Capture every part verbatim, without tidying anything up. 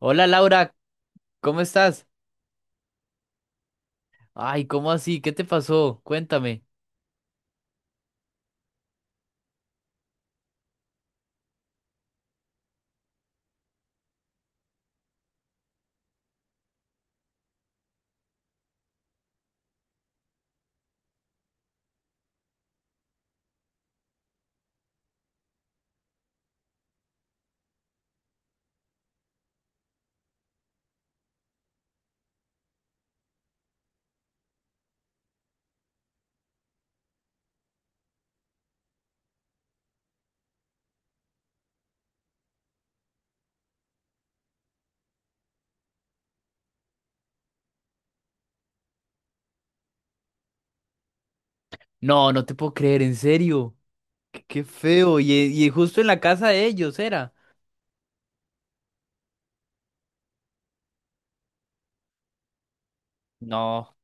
Hola Laura, ¿cómo estás? Ay, ¿cómo así? ¿Qué te pasó? Cuéntame. No, no te puedo creer, en serio. Qué, qué feo. Y, eh, y justo en la casa de ellos era. No.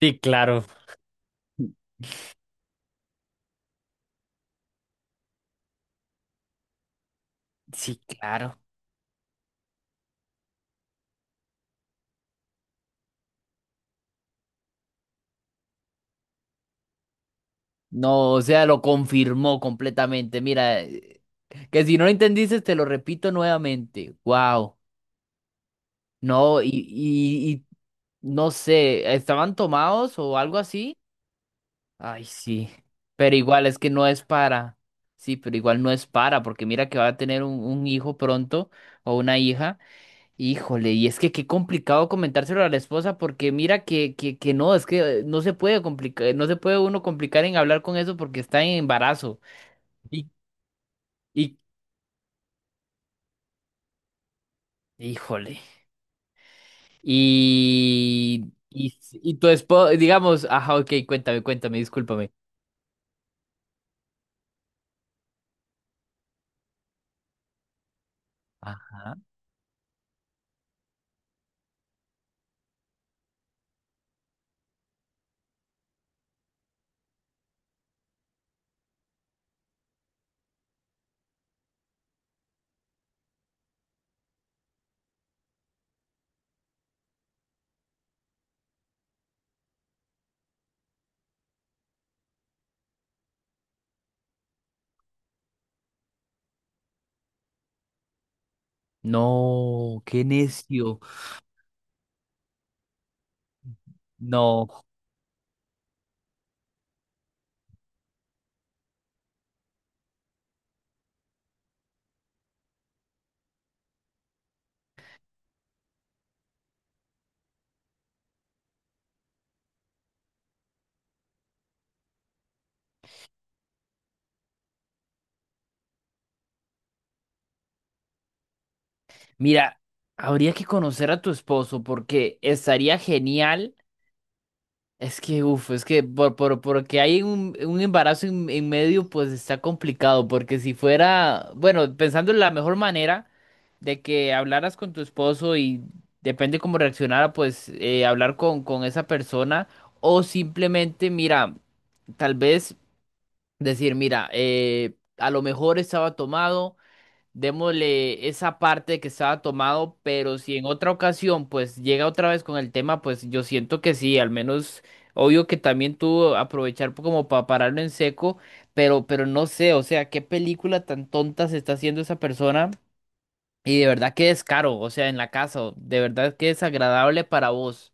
Sí, claro. Sí, claro. No, o sea, lo confirmó completamente. Mira, eh, que si no lo entendiste, te lo repito nuevamente. Wow. No, y, y, y no sé, ¿estaban tomados o algo así? Ay, sí. Pero igual es que no es para. Sí, pero igual no es para, porque mira que va a tener un, un hijo pronto o una hija. Híjole, y es que qué complicado comentárselo a la esposa, porque mira que, que, que no, es que eh, no se puede complicar, no se puede uno complicar en hablar con eso porque está en embarazo. Y, y, híjole. Y, y, y tu esposa, digamos, ajá, ok, cuéntame, cuéntame, discúlpame. Ajá. No, qué necio. No. Mira, habría que conocer a tu esposo porque estaría genial. Es que, uff, es que por, por, porque hay un, un embarazo en, en medio, pues está complicado. Porque si fuera, bueno, pensando en la mejor manera de que hablaras con tu esposo y depende cómo reaccionara, pues eh, hablar con, con esa persona o simplemente, mira, tal vez decir, mira, eh, a lo mejor estaba tomado, démosle esa parte que estaba tomado, pero si en otra ocasión pues llega otra vez con el tema, pues yo siento que sí, al menos obvio que también tuvo aprovechar po- como para pararlo en seco, pero pero no sé, o sea, qué película tan tonta se está haciendo esa persona y de verdad que descaro, o sea, en la casa, de verdad que desagradable para vos.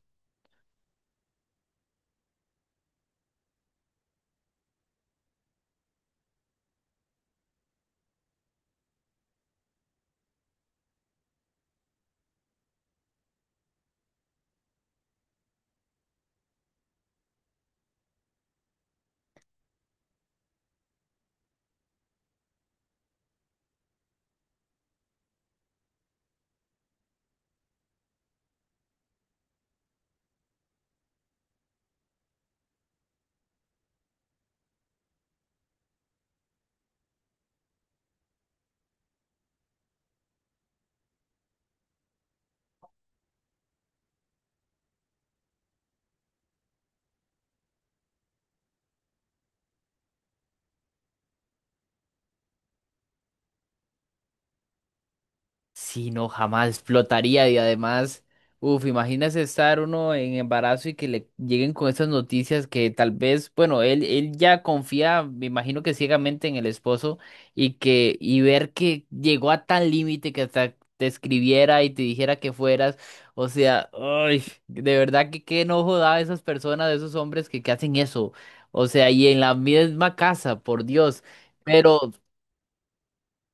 Sí, no, jamás explotaría y además, uff, imagínese estar uno en embarazo y que le lleguen con estas noticias que tal vez, bueno, él, él ya confía, me imagino que ciegamente en el esposo y que, y ver que llegó a tal límite que hasta te escribiera y te dijera que fueras, o sea, ay, de verdad que qué enojo da a esas personas, a esos hombres que, que hacen eso, o sea, y en la misma casa, por Dios, pero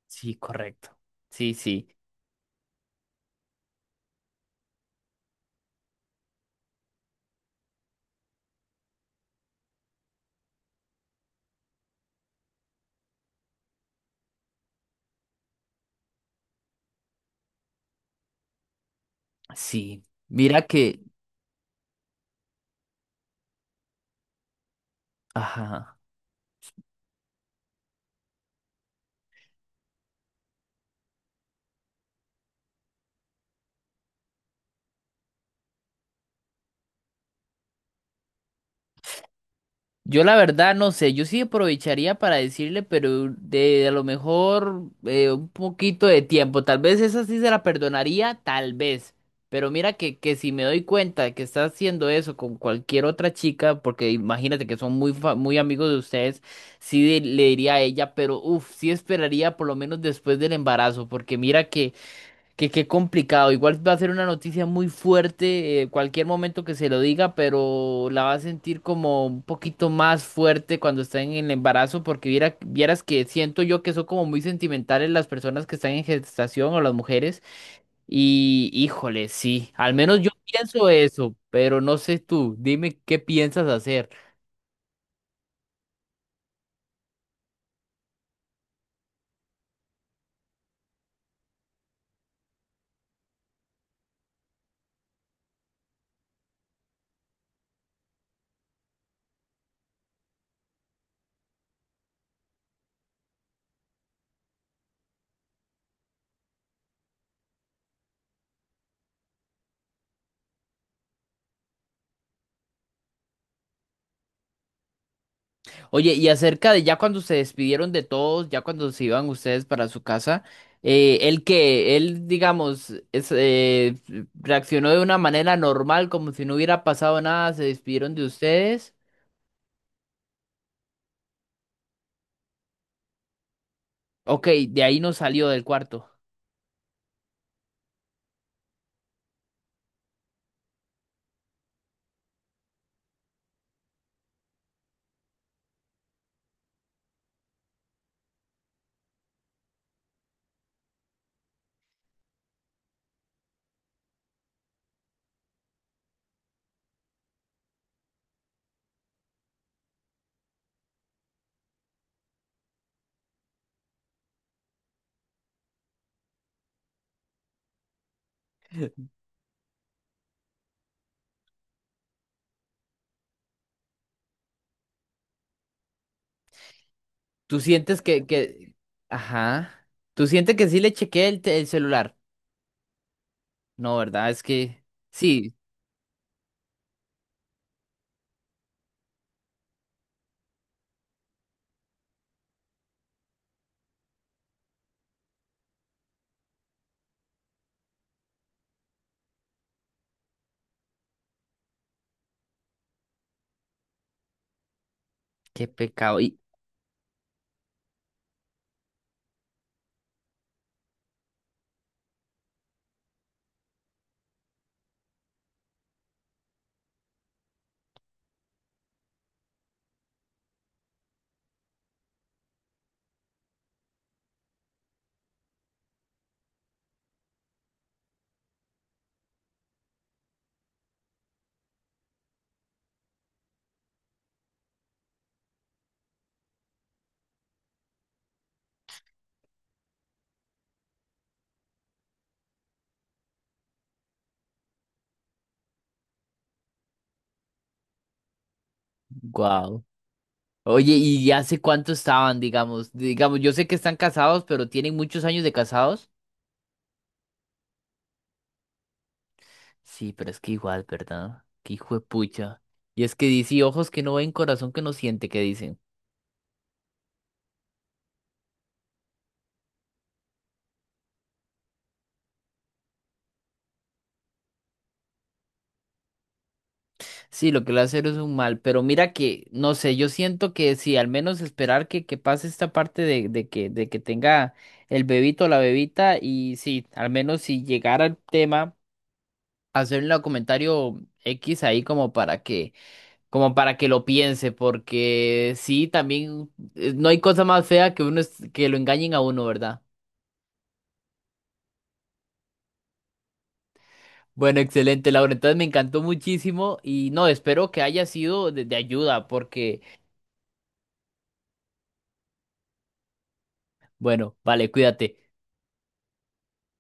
sí, correcto, sí, sí. Sí, mira que, ajá. Yo la verdad no sé, yo sí aprovecharía para decirle, pero de a lo mejor eh, un poquito de tiempo, tal vez esa sí se la perdonaría, tal vez. Pero mira que, que si me doy cuenta de que está haciendo eso con cualquier otra chica, porque imagínate que son muy, fa- muy amigos de ustedes, sí de- le diría a ella, pero uff, sí esperaría por lo menos después del embarazo, porque mira que qué complicado. Igual va a ser una noticia muy fuerte, eh, cualquier momento que se lo diga, pero la va a sentir como un poquito más fuerte cuando está en el embarazo, porque viera- vieras que siento yo que son como muy sentimentales las personas que están en gestación o las mujeres. Y híjole, sí, al menos yo pienso eso, pero no sé tú, dime qué piensas hacer. Oye, y acerca de ya cuando se despidieron de todos, ya cuando se iban ustedes para su casa, eh, él que, él, digamos, es, eh, reaccionó de una manera normal, como si no hubiera pasado nada, se despidieron de ustedes. Ok, de ahí no salió del cuarto. ¿Tú sientes que, que, ajá, tú sientes que sí le chequeé el, te- el celular? No, ¿verdad? Es que, sí, qué pecado. Y, wow. Oye, ¿y hace cuánto estaban, digamos? Digamos, yo sé que están casados, pero tienen muchos años de casados. Sí, pero es que igual, ¿verdad? Qué hijo de pucha. Y es que dice, ojos que no ven, corazón que no siente, que dicen. Sí, lo que le hacer es un mal, pero mira que, no sé, yo siento que sí, al menos esperar que, que pase esta parte de, de que, de que tenga el bebito o la bebita, y sí, al menos si llegara el tema, hacerle un comentario X ahí como para que, como para que lo piense, porque sí, también eh, no hay cosa más fea que uno es- que lo engañen a uno, ¿verdad? Bueno, excelente, Laura. Entonces me encantó muchísimo y no, espero que haya sido de, de ayuda porque, bueno, vale, cuídate.